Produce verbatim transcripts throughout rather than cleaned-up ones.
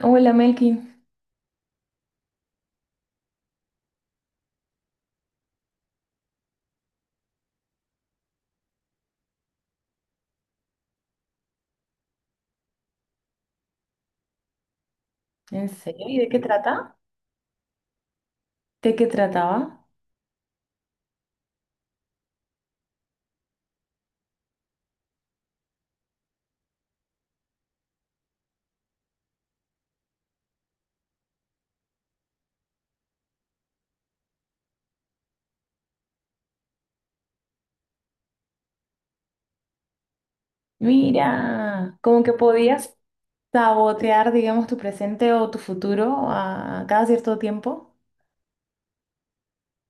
Hola Melkin, ¿en serio? ¿Y de qué trata? ¿De qué trataba? Mira, como que podías sabotear, digamos, tu presente o tu futuro a cada cierto tiempo.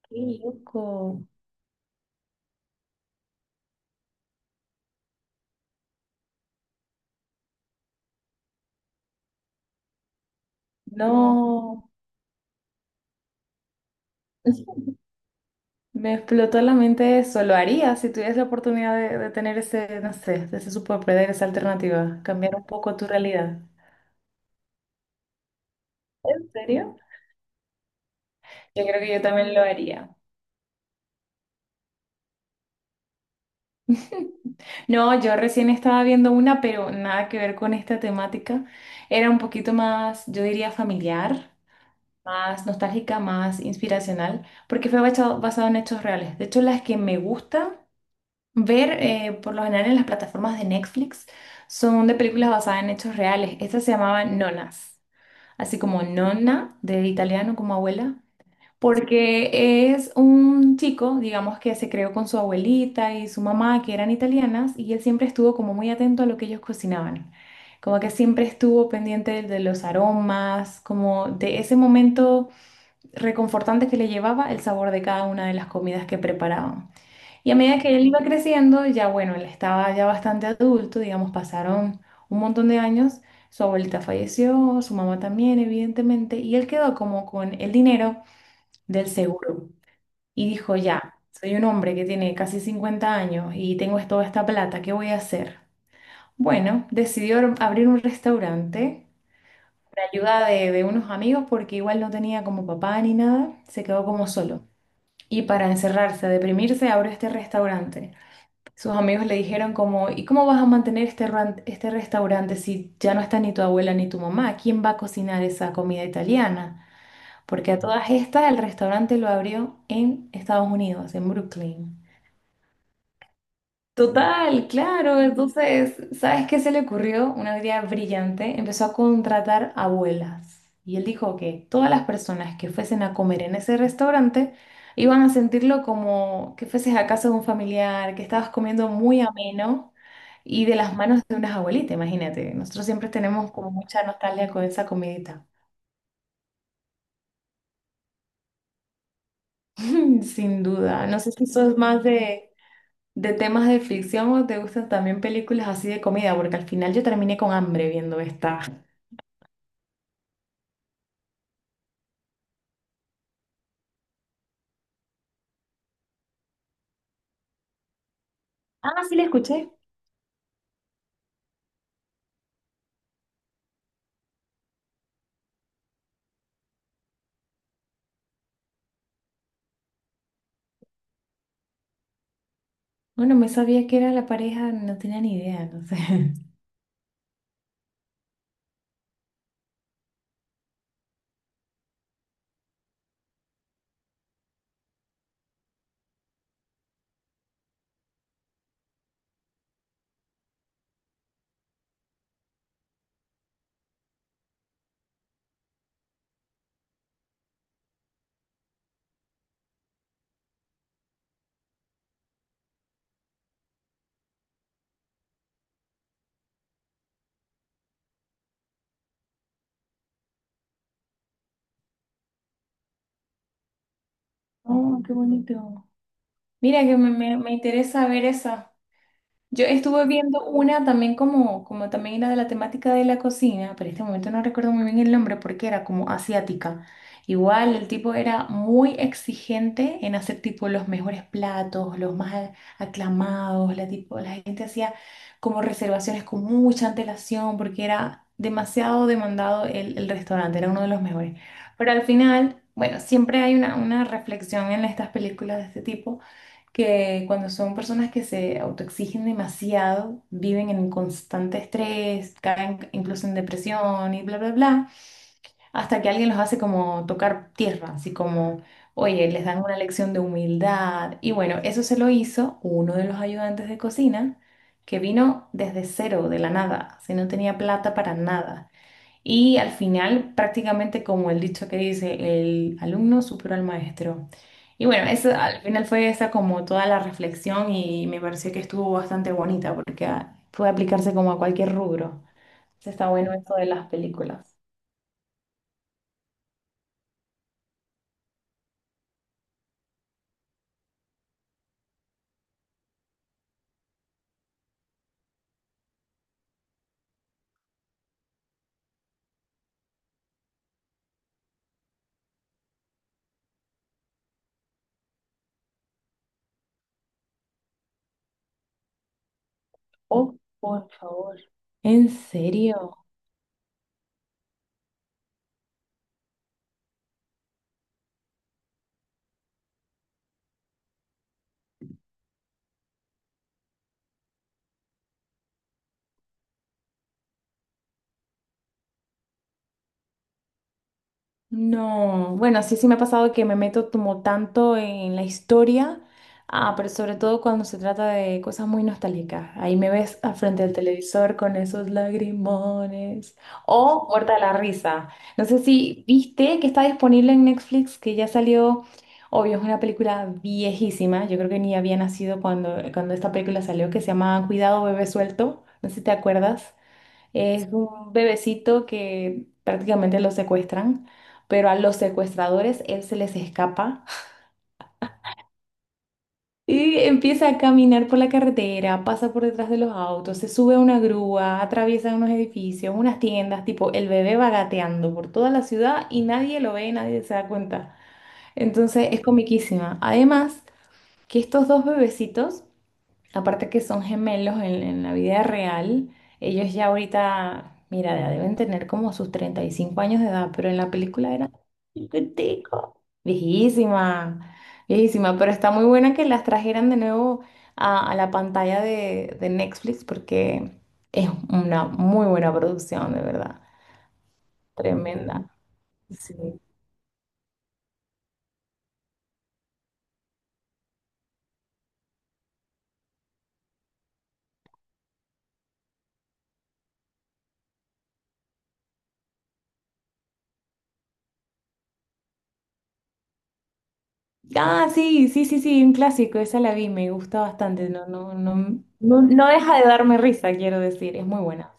Qué loco. No, me explotó la mente eso. Lo haría si tuvieras la oportunidad de, de tener ese, no sé, ese superpoder, esa alternativa, cambiar un poco tu realidad. ¿En serio? Yo creo que yo también lo haría. No, yo recién estaba viendo una, pero nada que ver con esta temática. Era un poquito más, yo diría, familiar, más nostálgica, más inspiracional, porque fue basado, basado en hechos reales. De hecho, las que me gusta ver, eh, por lo general en las plataformas de Netflix, son de películas basadas en hechos reales. Esta se llamaba Nonas, así como nonna de italiano, como abuela, porque es un chico, digamos, que se creó con su abuelita y su mamá, que eran italianas, y él siempre estuvo como muy atento a lo que ellos cocinaban, como que siempre estuvo pendiente de, de los aromas, como de ese momento reconfortante que le llevaba el sabor de cada una de las comidas que preparaban. Y a medida que él iba creciendo, ya bueno, él estaba ya bastante adulto, digamos, pasaron un montón de años. Su abuelita falleció, su mamá también, evidentemente, y él quedó como con el dinero del seguro y dijo, ya, soy un hombre que tiene casi cincuenta años y tengo toda esta plata, ¿qué voy a hacer? Bueno, decidió ar- abrir un restaurante, la ayuda de, de unos amigos, porque igual no tenía como papá ni nada, se quedó como solo. Y para encerrarse, a deprimirse, abrió este restaurante. Sus amigos le dijeron como, ¿y cómo vas a mantener este, ran- este restaurante si ya no está ni tu abuela ni tu mamá? ¿Quién va a cocinar esa comida italiana? Porque a todas estas el restaurante lo abrió en Estados Unidos, en Brooklyn. Total, claro. Entonces, ¿sabes qué se le ocurrió? Una idea brillante. Empezó a contratar abuelas. Y él dijo que todas las personas que fuesen a comer en ese restaurante iban a sentirlo como que fueses a casa de un familiar, que estabas comiendo muy ameno y de las manos de unas abuelitas, imagínate. Nosotros siempre tenemos como mucha nostalgia con esa comidita. Sin duda. No sé si sos más de, De temas de ficción o te gustan también películas así de comida, porque al final yo terminé con hambre viendo esta. Ah, sí, la escuché. Bueno, me sabía que era la pareja, no tenía ni idea, no sé. Oh, qué bonito. Mira que me, me- me interesa ver eso. Yo estuve viendo una también como, como también era de la temática de la cocina, pero en este momento no recuerdo muy bien el nombre porque era como asiática. Igual el tipo era muy exigente en hacer tipo los mejores platos, los más a- aclamados, la, tipo, la gente hacía como reservaciones con mucha antelación porque era demasiado demandado el, el restaurante, era uno de los mejores. Pero al final, bueno, siempre hay una, una reflexión en estas películas de este tipo que cuando son personas que se autoexigen demasiado, viven en constante estrés, caen incluso en depresión y bla, bla, bla, hasta que alguien los hace como tocar tierra, así como, oye, les dan una lección de humildad. Y bueno, eso se lo hizo uno de los ayudantes de cocina, que vino desde cero, de la nada, se no tenía plata para nada. Y al final, prácticamente como el dicho que dice, el alumno superó al maestro. Y bueno, eso al final fue esa como toda la reflexión y me pareció que estuvo bastante bonita porque ah, puede aplicarse como a cualquier rubro. Entonces, está bueno esto de las películas. Oh, por favor. ¿En serio? No, bueno, sí, sí me ha pasado que me meto como tanto en la historia, ah, pero sobre todo cuando se trata de cosas muy nostálgicas. Ahí me ves al frente del televisor con esos lagrimones. O muerta de la risa. No sé si viste que está disponible en Netflix, que ya salió, obvio, es una película viejísima. Yo creo que ni había nacido cuando, cuando esta película salió, que se llama Cuidado, bebé suelto. No sé si te acuerdas. Es un bebecito que prácticamente lo secuestran, pero a los secuestradores él se les escapa y empieza a caminar por la carretera, pasa por detrás de los autos, se sube a una grúa, atraviesa unos edificios, unas tiendas, tipo el bebé va gateando por toda la ciudad y nadie lo ve, nadie se da cuenta. Entonces es comiquísima. Además, que estos dos bebecitos, aparte que son gemelos en, en la vida real, ellos ya ahorita, mira, ya deben tener como sus treinta y cinco años de edad, pero en la película era chiquitico, viejísima, viejísima, pero está muy buena que las trajeran de nuevo a, a la pantalla de, de Netflix porque es una muy buena producción, de verdad, tremenda. Sí. Ah, sí, sí, sí, sí, un clásico, esa la vi, me gusta bastante, no, no, no, no, no deja de darme risa, quiero decir, es muy buena.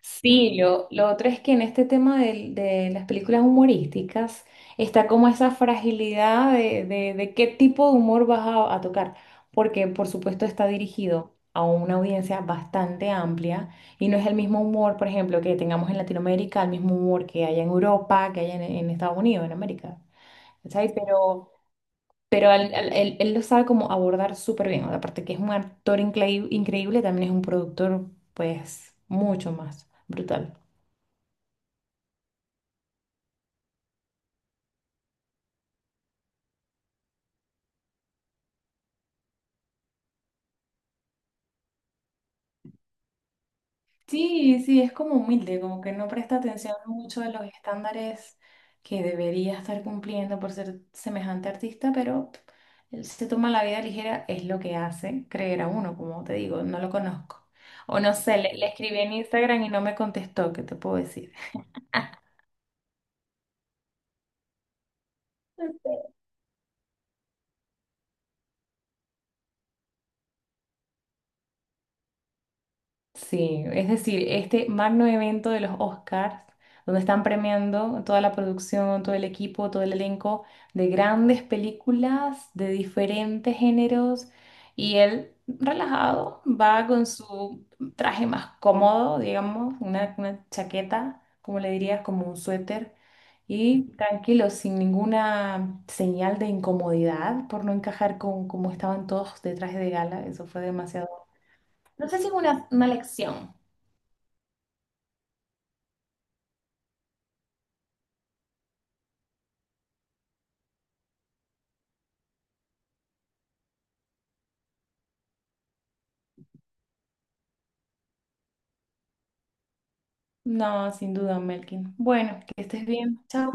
Sí, lo, lo otro es que en este tema del- de, las películas humorísticas está como esa fragilidad de, de- de qué tipo de humor vas a, a tocar, porque por supuesto está dirigido a una audiencia bastante amplia y no es el mismo humor, por ejemplo, que tengamos en Latinoamérica, el mismo humor que hay en Europa, que hay en, en Estados Unidos, en América, ¿cachai? Pero, pero al- al- él, él lo sabe como abordar súper bien, aparte que es un actor increí- increíble, también es un productor pues mucho más brutal. Sí, sí, es como humilde, como que no presta atención mucho a los estándares que debería estar cumpliendo por ser semejante artista, pero pff, él se toma la vida ligera, es lo que hace creer a uno, como te digo, no lo conozco. O no sé, le, le escribí en Instagram y no me contestó, ¿qué te puedo decir? Sí, es decir, este magno evento de los Oscars, donde están premiando toda la producción, todo el equipo, todo el elenco de grandes películas de diferentes géneros, y él relajado va con su traje más cómodo, digamos, una, una chaqueta, como le dirías, como un suéter, y tranquilo, sin ninguna señal de incomodidad por no encajar con cómo estaban todos de traje de gala, eso fue demasiado. No sé si es una, una lección. No, sin duda, Melkin. Bueno, que estés bien. Chao.